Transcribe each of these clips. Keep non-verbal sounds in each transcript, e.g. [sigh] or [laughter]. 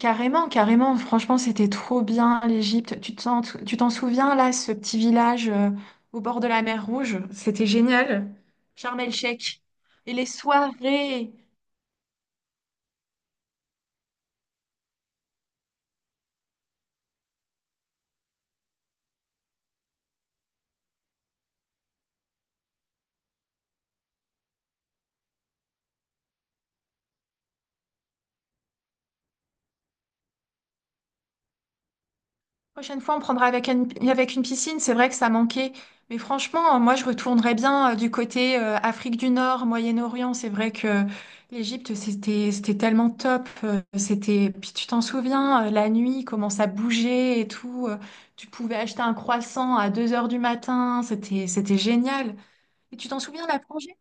Carrément, carrément. Franchement, c'était trop bien l'Égypte. Tu t'en souviens là, ce petit village au bord de la mer Rouge? C'était génial. Sharm el-Sheikh. Et les soirées. Prochaine fois, on prendra avec une piscine. C'est vrai que ça manquait. Mais franchement, moi, je retournerais bien du côté Afrique du Nord, Moyen-Orient. C'est vrai que l'Égypte, c'était tellement top. C'était, puis tu t'en souviens, la nuit, comment ça bougeait et tout. Tu pouvais acheter un croissant à 2 heures du matin. C'était génial. Et tu t'en souviens, la plongée,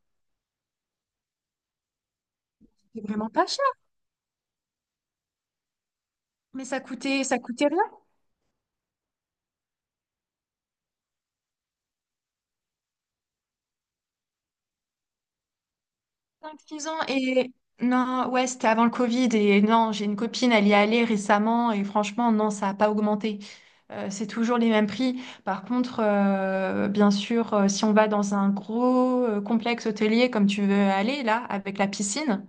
c'était vraiment pas cher. Mais ça coûtait rien. Cinq 6 ans, et non, ouais, c'était avant le Covid. Et non, j'ai une copine, elle y est allée récemment, et franchement, non, ça n'a pas augmenté. C'est toujours les mêmes prix. Par contre, bien sûr, si on va dans un gros complexe hôtelier comme tu veux aller là, avec la piscine,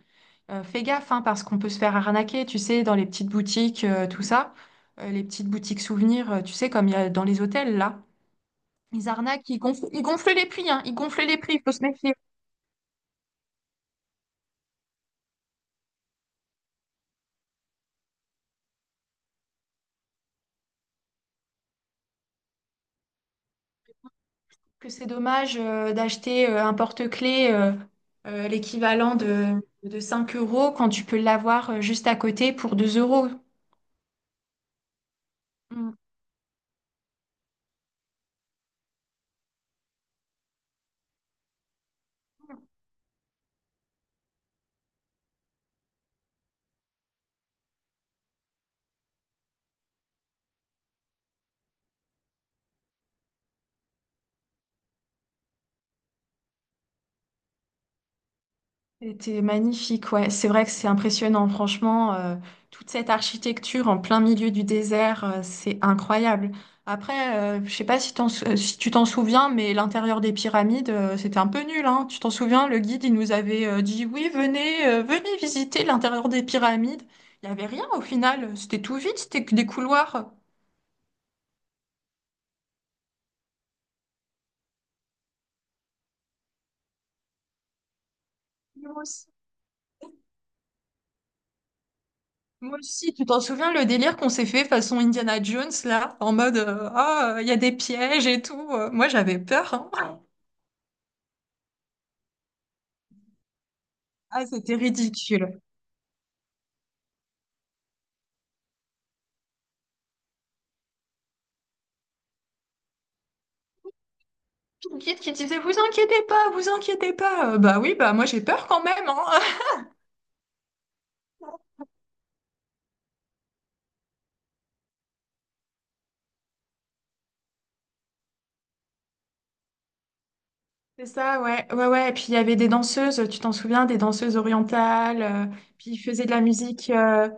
fais gaffe, hein, parce qu'on peut se faire arnaquer, tu sais, dans les petites boutiques, tout ça. Les petites boutiques souvenirs, tu sais, comme il y a dans les hôtels là. Ils arnaquent, ils gonflent les prix, hein, ils gonflent les prix, il faut se méfier. Que c'est dommage d'acheter un porte-clés l'équivalent de 5 euros quand tu peux l'avoir juste à côté pour 2 euros. Mm. C'était magnifique, ouais. C'est vrai que c'est impressionnant, franchement. Toute cette architecture en plein milieu du désert, c'est incroyable. Après, je sais pas si tu t'en souviens, mais l'intérieur des pyramides, c'était un peu nul, hein. Tu t'en souviens, le guide, il nous avait dit, oui, venez, venez visiter l'intérieur des pyramides. Il n'y avait rien au final. C'était tout vide, c'était que des couloirs. Moi aussi. Moi aussi, tu t'en souviens le délire qu'on s'est fait façon Indiana Jones là, en mode ah il y a des pièges et tout. Moi j'avais peur. Ah, c'était ridicule. Une guide qui disait, vous inquiétez pas, vous inquiétez pas. Bah oui, bah moi j'ai peur quand même, hein. [laughs] C'est ça, ouais, ouais, ouais. Et puis il y avait des danseuses, tu t'en souviens, des danseuses orientales. Puis ils faisaient de la musique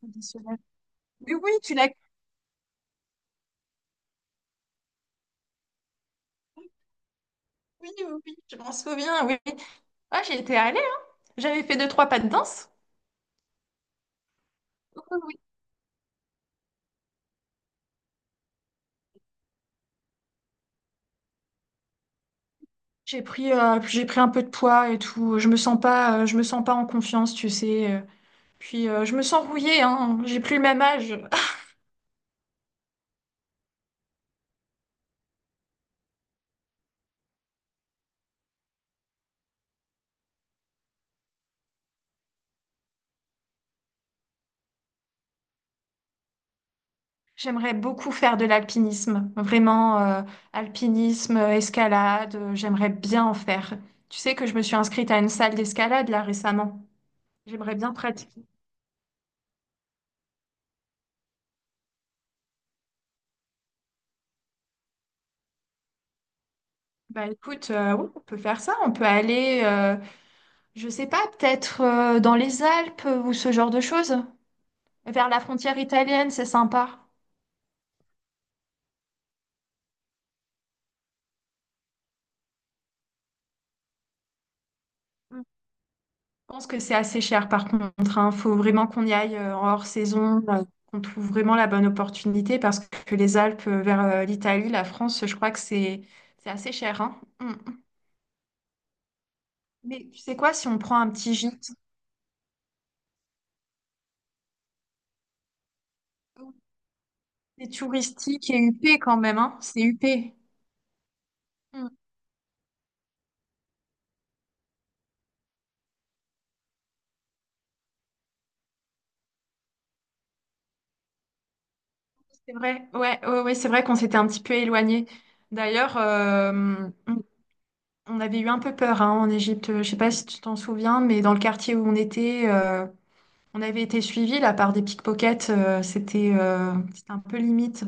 traditionnelle. Oui, oui, tu l'as. Oui, oui, oui, je m'en souviens, oui. Ah, j'y étais allée, hein. J'avais fait deux, trois pas de danse. Oui, oui. J'ai pris un peu de poids et tout. Je me sens pas, je me sens pas en confiance, tu sais. Puis je me sens rouillée, hein. J'ai plus le même âge. J'aimerais beaucoup faire de l'alpinisme, vraiment alpinisme, escalade, j'aimerais bien en faire. Tu sais que je me suis inscrite à une salle d'escalade là récemment. J'aimerais bien pratiquer. Bah écoute, oui, on peut faire ça, on peut aller, je sais pas, peut-être dans les Alpes ou ce genre de choses, vers la frontière italienne, c'est sympa. Je pense que c'est assez cher par contre. Il faut vraiment qu'on y aille en hors saison, qu'on trouve vraiment la bonne opportunité parce que les Alpes vers l'Italie, la France, je crois que c'est assez cher, hein. Mm. Mais tu sais quoi, si on prend un petit gîte, c'est touristique et huppé quand même, hein. C'est huppé. Mm. C'est vrai, ouais, ouais, ouais, c'est vrai qu'on s'était un petit peu éloigné. D'ailleurs, on on avait eu un peu peur, hein, en Égypte. Je sais pas si tu t'en souviens, mais dans le quartier où on était. On avait été suivis là par des pickpockets, c'était un peu limite.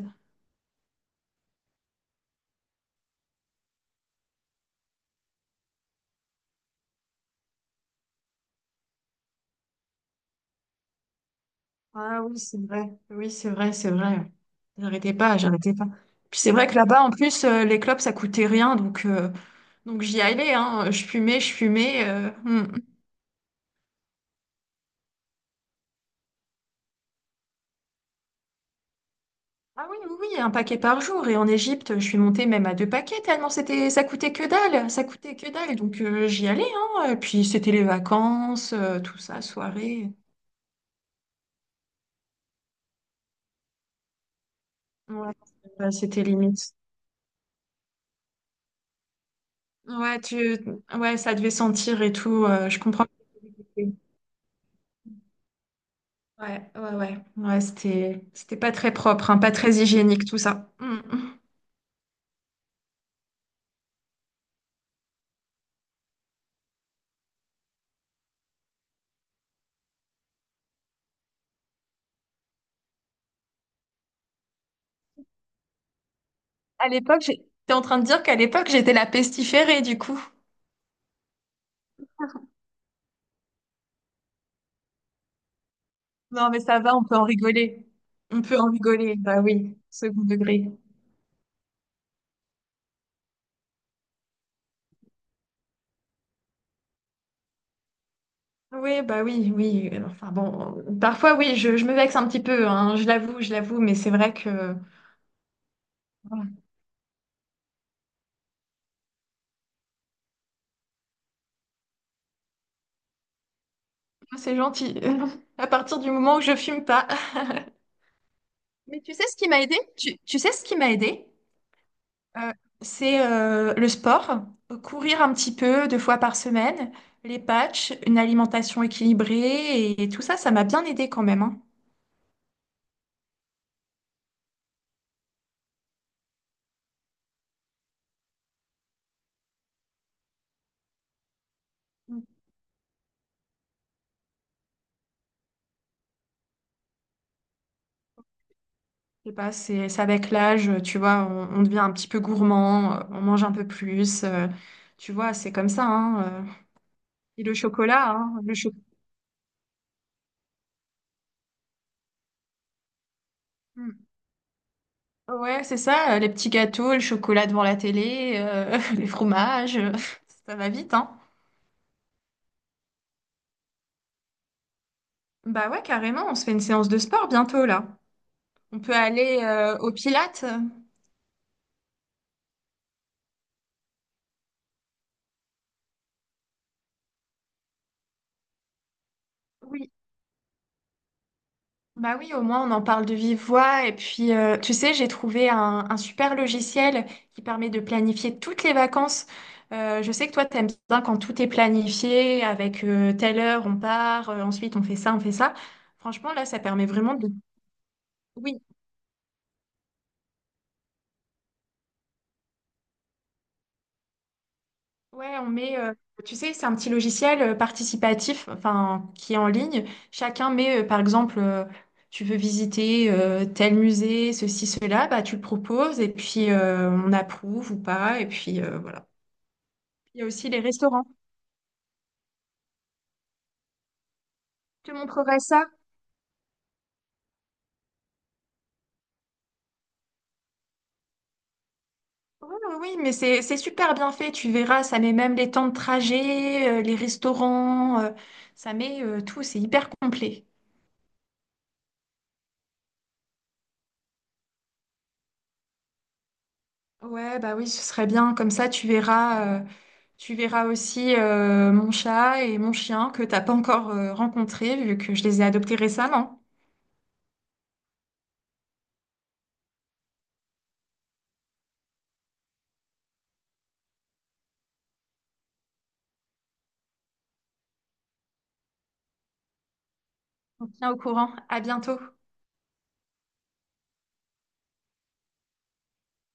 Ah oui, c'est vrai. Oui, c'est vrai, c'est vrai. J'arrêtais pas, j'arrêtais pas. Puis c'est vrai que là-bas, en plus, les clopes, ça coûtait rien, donc j'y allais, hein. Je fumais, je fumais. Hmm. Ah oui, oui, oui, un paquet par jour. Et en Égypte, je suis montée même à deux paquets, tellement c'était, ça coûtait que dalle, ça coûtait que dalle. Donc j'y allais, hein. Et puis c'était les vacances, tout ça, soirée. Ouais, bah, c'était limite. Ouais, ouais, ça devait sentir et tout. Je comprends. Ouais, ouais, ouais. Ouais, c'était pas très propre, hein, pas très hygiénique tout ça. Mm. À l'époque, t'es en train de dire qu'à l'époque, j'étais la pestiférée du coup. Non, mais ça va, on peut en rigoler. On peut en rigoler, bah oui, second degré. Oui, bah oui, oui. Enfin bon, parfois oui, je me vexe un petit peu, hein, je l'avoue, mais c'est vrai que voilà. Moi, c'est gentil. [laughs] À partir du moment où je fume pas. Mais tu sais ce qui m'a aidé? Tu sais ce qui m'a aidé? Euh, c'est le sport, courir un petit peu deux fois par semaine, les patchs, une alimentation équilibrée et, tout ça, ça m'a bien aidé quand même, hein. Je sais pas, c'est avec l'âge, tu vois, on devient un petit peu gourmand, on mange un peu plus, tu vois, c'est comme ça. Hein. Et le chocolat, hein. Mm. Ouais, c'est ça, les petits gâteaux, le chocolat devant la télé, [laughs] les fromages, [laughs] ça va vite, hein. Bah ouais, carrément, on se fait une séance de sport bientôt là. On peut aller au Pilates. Oui. Bah oui, au moins on en parle de vive voix. Et puis, tu sais, j'ai trouvé un super logiciel qui permet de planifier toutes les vacances. Je sais que toi, t'aimes bien quand tout est planifié, avec telle heure on part, ensuite on fait ça, on fait ça. Franchement, là, ça permet vraiment de... Oui. Ouais, on met, tu sais, c'est un petit logiciel participatif, enfin, qui est en ligne. Chacun met, par exemple, tu veux visiter tel musée, ceci, cela, bah, tu le proposes et puis on approuve ou pas. Et puis voilà. Il y a aussi les restaurants. Je te montrerai ça. Oui, oui, oui, mais c'est super bien fait. Tu verras, ça met même les temps de trajet, les restaurants, ça met tout. C'est hyper complet. Ouais, bah oui, ce serait bien. Comme ça, tu verras aussi mon chat et mon chien que t'as pas encore rencontrés, vu que je les ai adoptés récemment. On tient au courant. À bientôt.